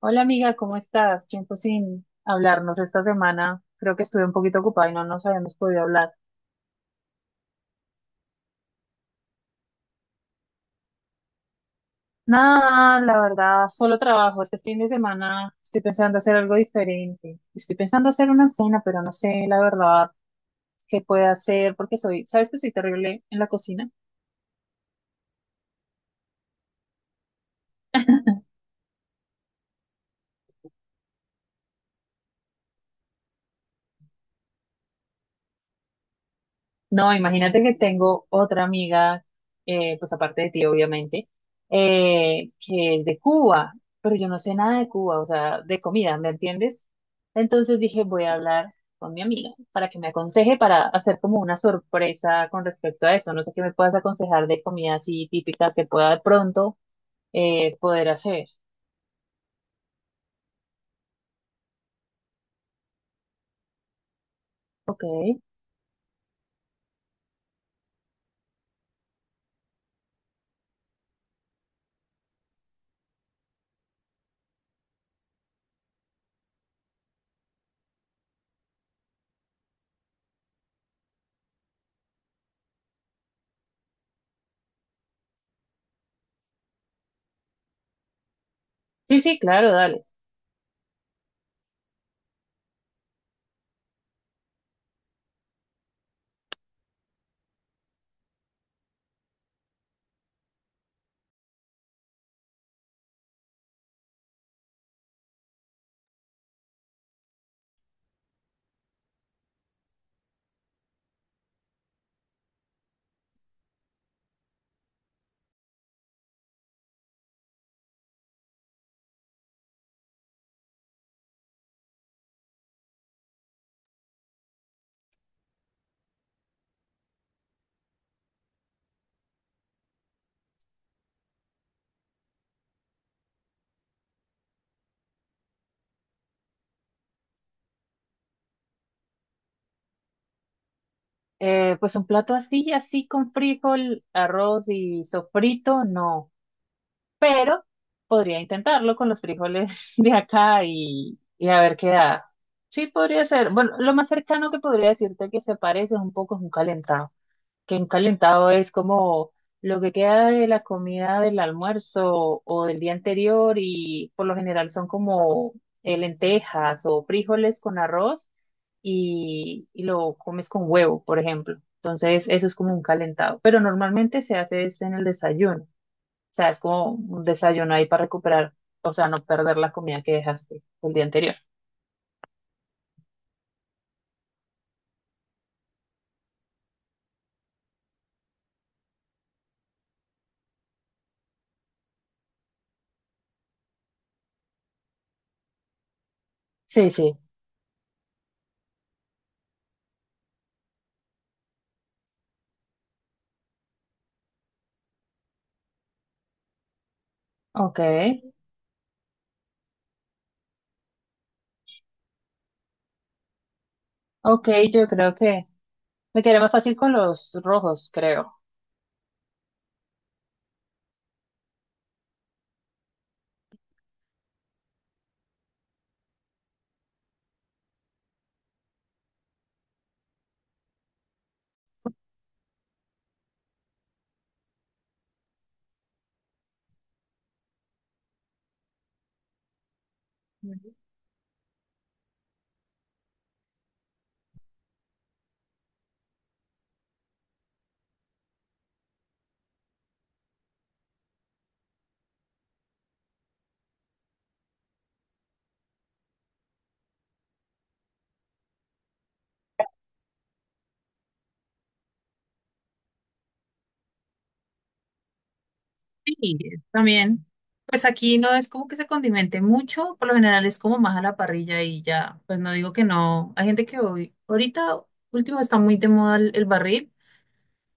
Hola amiga, ¿cómo estás? Tiempo sin hablarnos esta semana. Creo que estuve un poquito ocupada y no nos habíamos podido hablar. Nada, la verdad, solo trabajo. Este fin de semana estoy pensando hacer algo diferente. Estoy pensando hacer una cena, pero no sé la verdad qué puedo hacer porque soy, ¿sabes que soy terrible en la cocina? No, imagínate que tengo otra amiga, pues aparte de ti, obviamente, que es de Cuba, pero yo no sé nada de Cuba, o sea, de comida, ¿me entiendes? Entonces dije, voy a hablar con mi amiga para que me aconseje para hacer como una sorpresa con respecto a eso. No sé qué me puedas aconsejar de comida así típica que pueda de pronto poder hacer. Ok. Sí, sí, claro, dale. Pues un plato así, así con frijol, arroz y sofrito, no, pero podría intentarlo con los frijoles de acá y, a ver qué da. Sí, podría ser. Bueno, lo más cercano que podría decirte que se parece un poco es un calentado, que un calentado es como lo que queda de la comida del almuerzo o del día anterior y por lo general son como lentejas o frijoles con arroz y, lo comes con huevo, por ejemplo. Entonces, eso es como un calentado, pero normalmente se hace es en el desayuno. O sea, es como un desayuno ahí para recuperar, o sea, no perder la comida que dejaste el día anterior. Sí, sí. Ok. Ok, yo creo que me quedé más fácil con los rojos, creo. Ujú. Sí, también. Pues aquí no es como que se condimente mucho, por lo general es como más a la parrilla y ya, pues no digo que no. Hay gente que hoy, ahorita último está muy de moda el barril,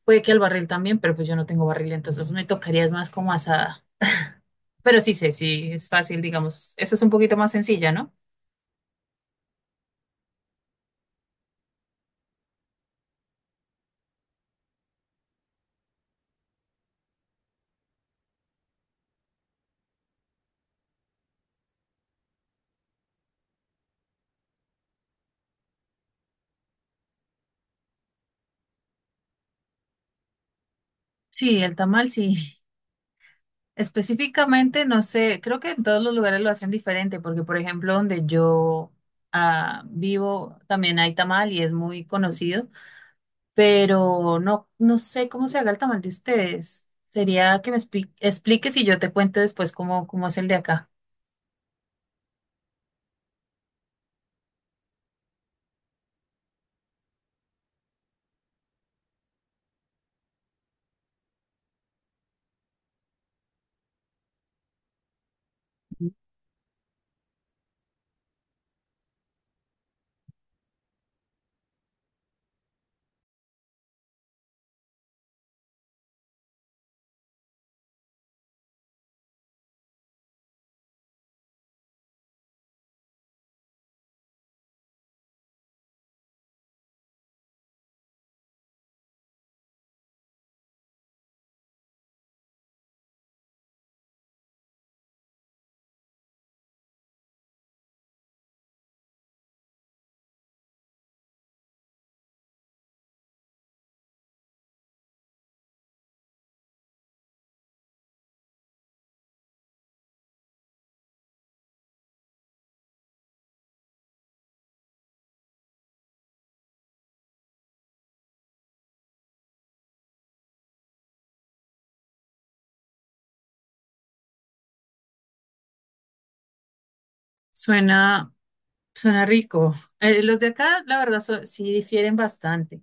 puede que el barril también, pero pues yo no tengo barril, entonces me tocaría más como asada. Pero sí sé, sí, es fácil, digamos, esa es un poquito más sencilla, ¿no? Sí, el tamal sí. Específicamente, no sé, creo que en todos los lugares lo hacen diferente, porque por ejemplo, donde yo vivo también hay tamal y es muy conocido, pero no, no sé cómo se haga el tamal de ustedes. Sería que me expliques y yo te cuento después cómo, cómo es el de acá. Suena, suena rico. Los de acá, la verdad, sí difieren bastante.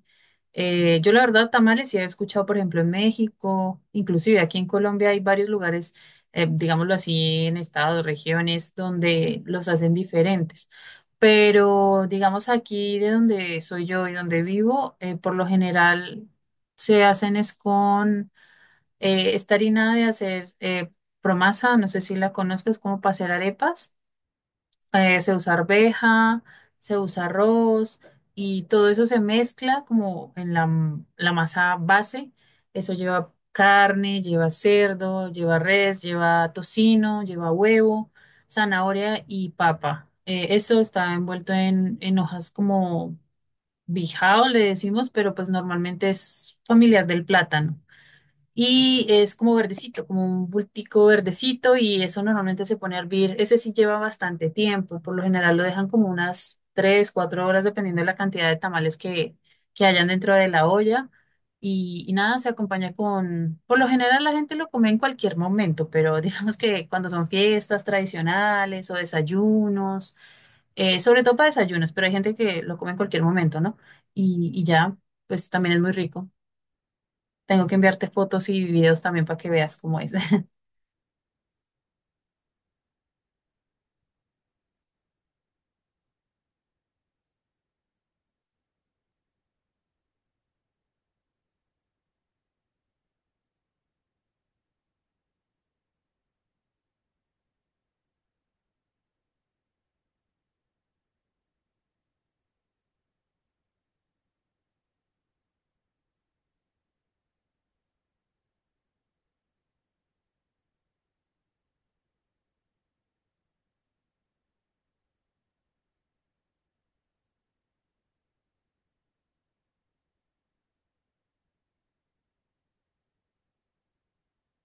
Yo, la verdad, tamales sí he escuchado, por ejemplo, en México, inclusive aquí en Colombia hay varios lugares, digámoslo así, en estados, regiones, donde los hacen diferentes. Pero, digamos, aquí de donde soy yo y donde vivo, por lo general se hacen es con esta harina de hacer promasa, no sé si la conozcas, como para hacer arepas. Se usa arveja, se usa arroz y todo eso se mezcla como en la, la masa base. Eso lleva carne, lleva cerdo, lleva res, lleva tocino, lleva huevo, zanahoria y papa. Eso está envuelto en hojas como bijao, le decimos, pero pues normalmente es familiar del plátano y es como verdecito, como un bultico verdecito y eso normalmente se pone a hervir. Ese sí lleva bastante tiempo, por lo general lo dejan como unas 3, 4 horas dependiendo de la cantidad de tamales que, hayan dentro de la olla. Y, nada, se acompaña con, por lo general la gente lo come en cualquier momento, pero digamos que cuando son fiestas tradicionales o desayunos, sobre todo para desayunos, pero hay gente que lo come en cualquier momento, ¿no? Y, ya, pues también es muy rico. Tengo que enviarte fotos y videos también para que veas cómo es.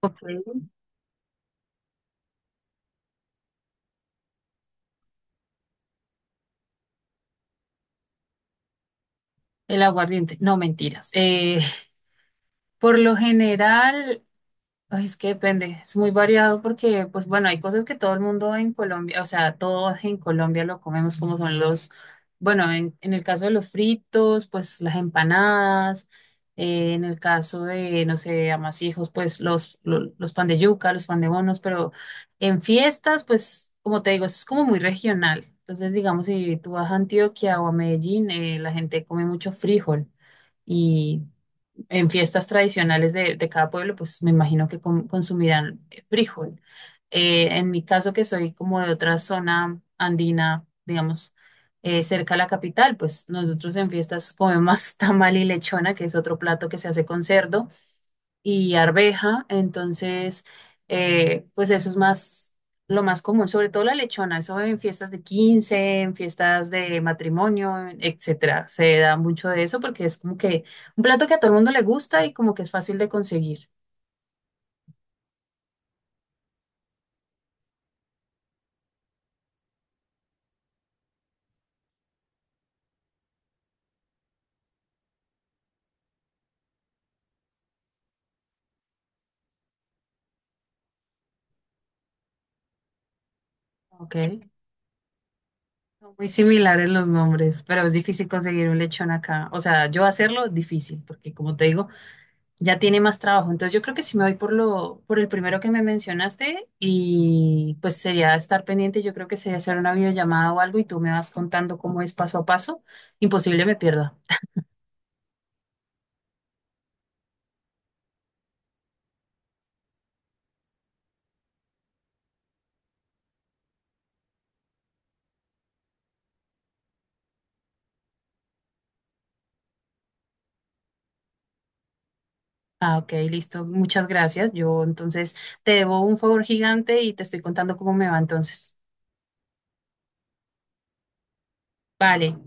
Ok. El aguardiente, no, mentiras. Por lo general, ay, es que depende, es muy variado porque, pues bueno, hay cosas que todo el mundo en Colombia, o sea, todos en Colombia lo comemos como son los, bueno, en el caso de los fritos, pues las empanadas, en el caso de, no sé, amasijos, pues los, los pan de yuca, los pan de bonos, pero en fiestas, pues como te digo, es como muy regional. Entonces, digamos, si tú vas a Antioquia o a Medellín, la gente come mucho frijol en fiestas tradicionales de, cada pueblo, pues me imagino que consumirán frijol. En mi caso, que soy como de otra zona andina, digamos, cerca a la capital, pues nosotros en fiestas comemos tamal y lechona, que es otro plato que se hace con cerdo y arveja, entonces, pues eso es más, lo más común, sobre todo la lechona, eso en fiestas de 15, en fiestas de matrimonio, etcétera, se da mucho de eso porque es como que un plato que a todo el mundo le gusta y como que es fácil de conseguir, ¿ok? Son muy similares los nombres, pero es difícil conseguir un lechón acá. O sea, yo hacerlo difícil, porque como te digo, ya tiene más trabajo. Entonces yo creo que sí me voy por lo, por el primero que me mencionaste y pues sería estar pendiente, yo creo que sería hacer una videollamada o algo y tú me vas contando cómo es paso a paso. Imposible me pierda. Ah, ok, listo. Muchas gracias. Yo entonces te debo un favor gigante y te estoy contando cómo me va entonces. Vale.